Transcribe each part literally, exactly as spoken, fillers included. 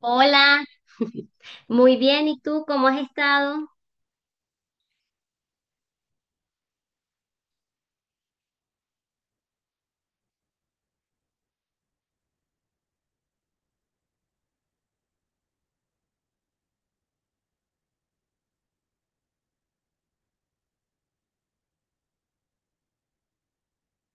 Hola, muy bien, ¿y tú cómo has estado?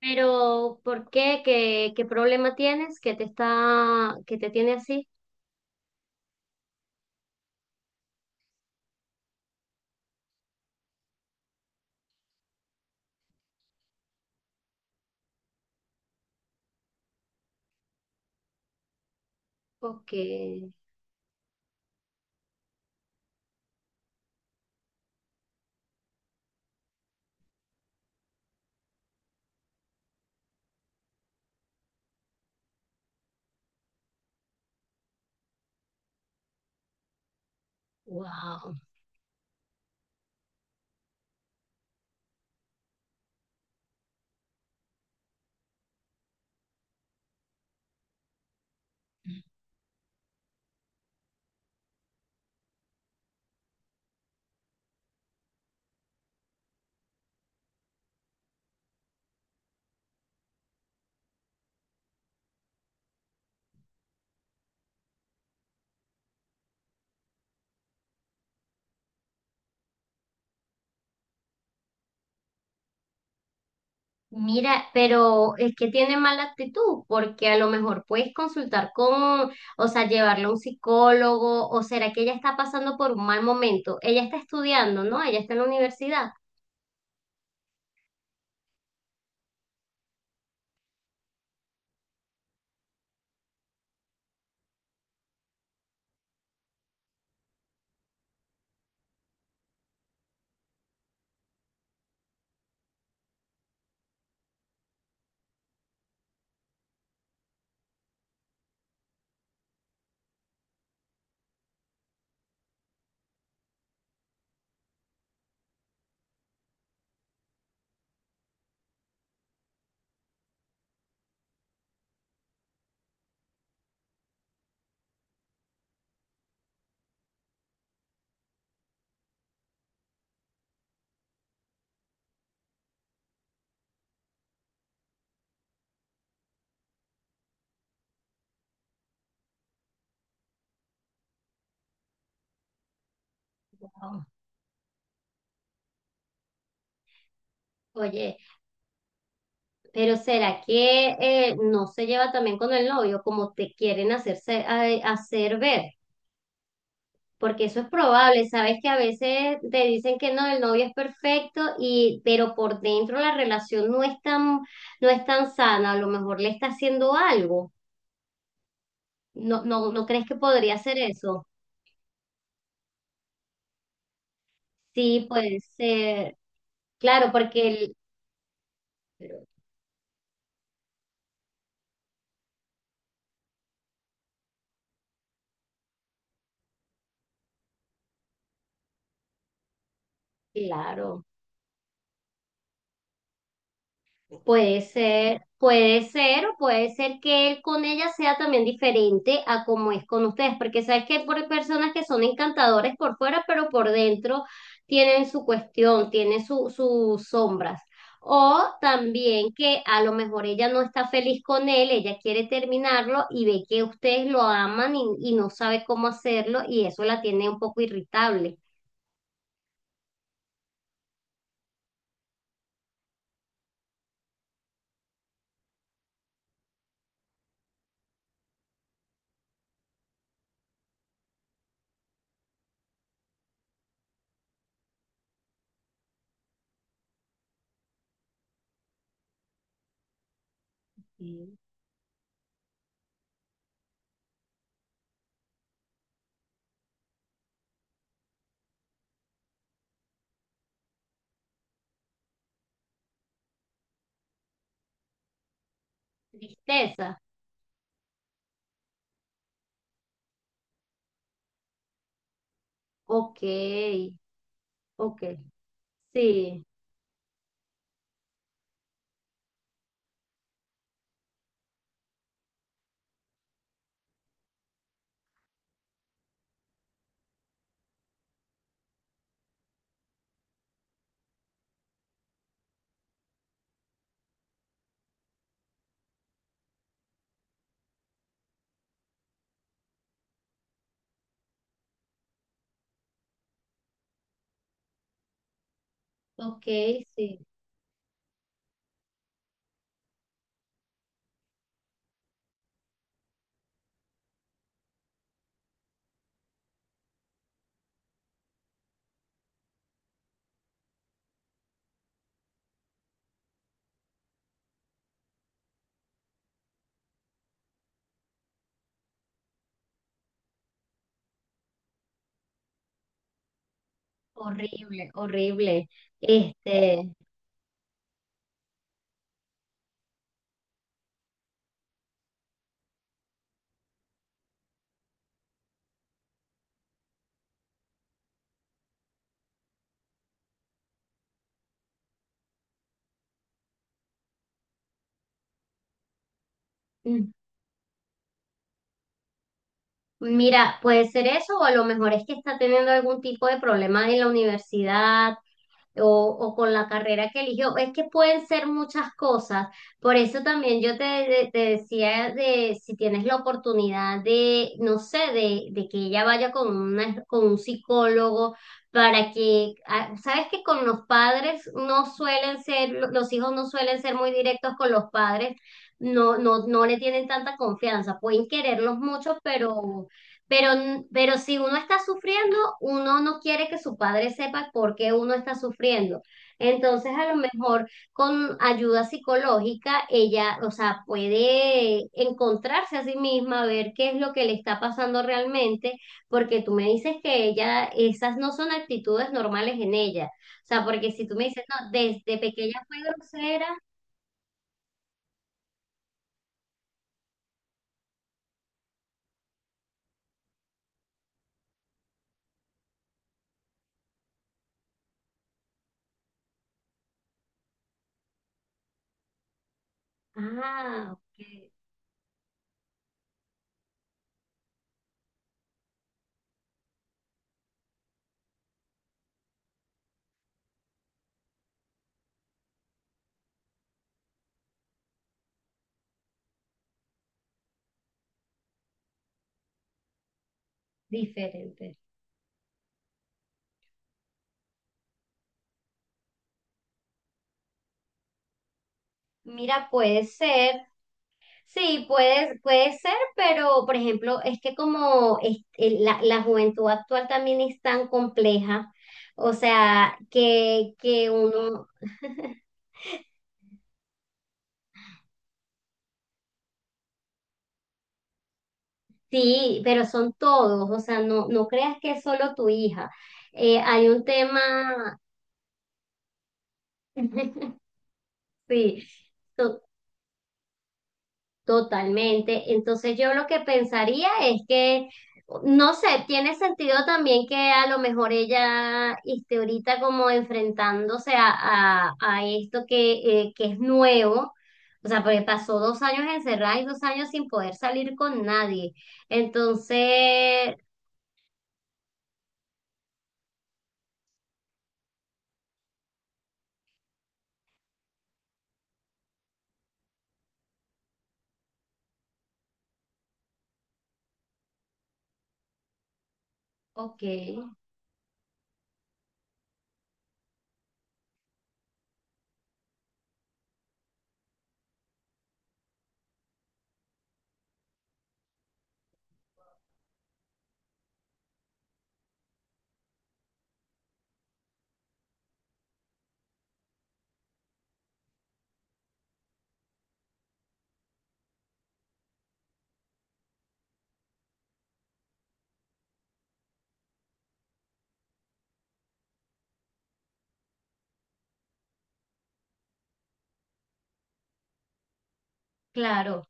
Pero, ¿por qué? ¿Qué, qué problema tienes que te está, que te tiene así? Porque, wow. Mira, pero es que tiene mala actitud, porque a lo mejor puedes consultar con, o sea, llevarlo a un psicólogo, o será que ella está pasando por un mal momento. Ella está estudiando, ¿no? Ella está en la universidad. Wow. Oye. Pero ¿será que eh, no se lleva también con el novio como te quieren hacerse, a- hacer ver? Porque eso es probable, sabes que a veces te dicen que no, el novio es perfecto y pero por dentro la relación no es tan no es tan sana, a lo mejor le está haciendo algo. No no no crees que podría ser eso? Sí, puede ser. Claro, porque el, claro. Puede ser, puede ser, o puede ser que él con ella sea también diferente a como es con ustedes, porque sabes que por personas que son encantadores por fuera, pero por dentro tienen su cuestión, tienen su- sus sombras. O también que a lo mejor ella no está feliz con él, ella quiere terminarlo y ve que ustedes lo aman y, y no sabe cómo hacerlo y eso la tiene un poco irritable. Mm. Tristeza. Ok, ok. Sí. Ok, sí, horrible, horrible. Este, mm, mira, puede ser eso o a lo mejor es que está teniendo algún tipo de problema en la universidad o, o con la carrera que eligió. Es que pueden ser muchas cosas. Por eso también yo te, de- te decía de si tienes la oportunidad de, no sé, de, de que ella vaya con una, con un psicólogo para que, ah, sabes que con los padres no suelen ser, lo- los hijos no suelen ser muy directos con los padres, no, no, no le tienen tanta confianza, pueden quererlos mucho, pero pero, pero si uno está sufriendo, uno no quiere que su padre sepa por qué uno está sufriendo. Entonces, a lo mejor con ayuda psicológica, ella, o sea, puede encontrarse a sí misma, ver qué es lo que le está pasando realmente, porque tú me dices que ella, esas no son actitudes normales en ella. O sea, porque si tú me dices, no, desde pequeña fue grosera, ah, ok, diferente. Mira, puede ser. Sí, puede, puede ser, pero por ejemplo, es que como es- el- la, la juventud actual también es tan compleja, o sea, que, que uno, sí, pero son todos, o sea, no, no creas que es solo tu hija. Eh, hay un tema. Sí, totalmente. Entonces yo lo que pensaría es que, no sé, tiene sentido también que a lo mejor ella esté ahorita como enfrentándose a, a, a esto que, eh, que es nuevo. O sea, porque pasó dos años encerrada y dos años sin poder salir con nadie. Entonces, ok, claro.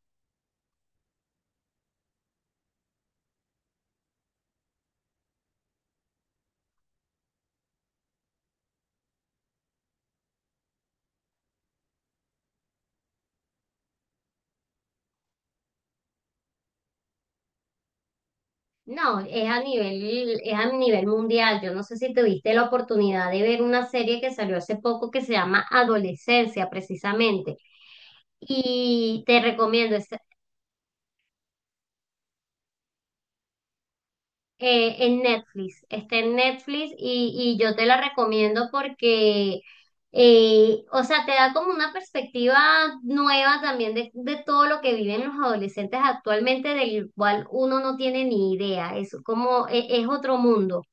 No, es a nivel, es a nivel mundial. Yo no sé si tuviste la oportunidad de ver una serie que salió hace poco que se llama Adolescencia, precisamente. Y te recomiendo, es, eh, en Netflix, está en Netflix y, y yo te la recomiendo porque, eh, o sea, te da como una perspectiva nueva también de, de todo lo que viven los adolescentes actualmente, del cual uno no tiene ni idea, es como, e- es, otro mundo, o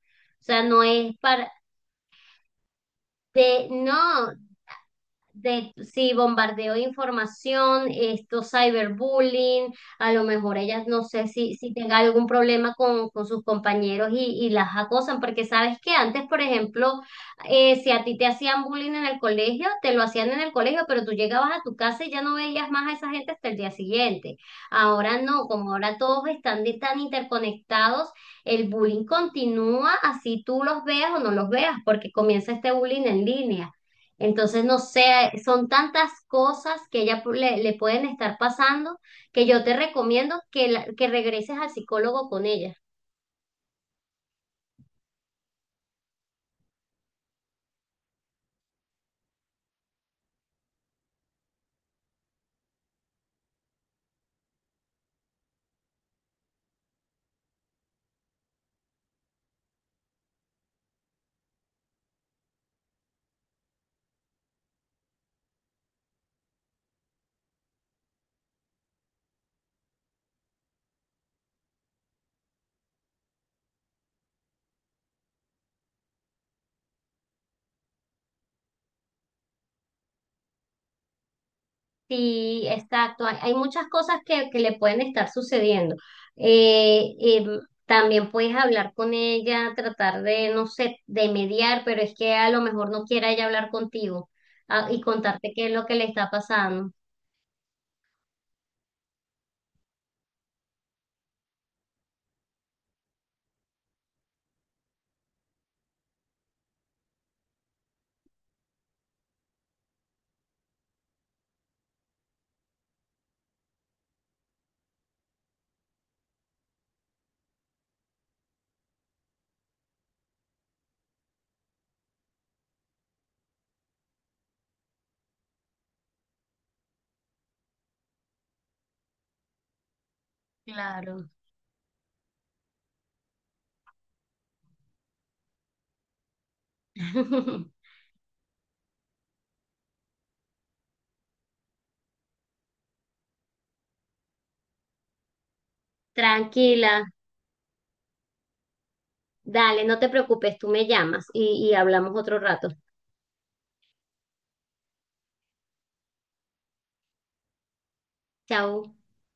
sea, no es para, de, no, de, sí, bombardeo de información, esto cyberbullying, a lo mejor ellas no sé si, si tenga algún problema con, con sus compañeros y, y las acosan, porque sabes que antes, por ejemplo, eh, si a ti te hacían bullying en el colegio, te lo hacían en el colegio, pero tú llegabas a tu casa y ya no veías más a esa gente hasta el día siguiente. Ahora no, como ahora todos están de- tan interconectados, el bullying continúa así tú los veas o no los veas, porque comienza este bullying en línea. Entonces, no sé, son tantas cosas que ella pu- le, le pueden estar pasando que yo te recomiendo que, la- que regreses al psicólogo con ella. Sí, exacto. Hay, hay muchas cosas que, que le pueden estar sucediendo. Eh, em, También puedes hablar con ella, tratar de, no sé, de mediar, pero es que a lo mejor no quiera ella hablar contigo, ah, y contarte qué es lo que le está pasando. Claro. Tranquila, dale, no te preocupes, tú me llamas y y hablamos otro rato. Chao.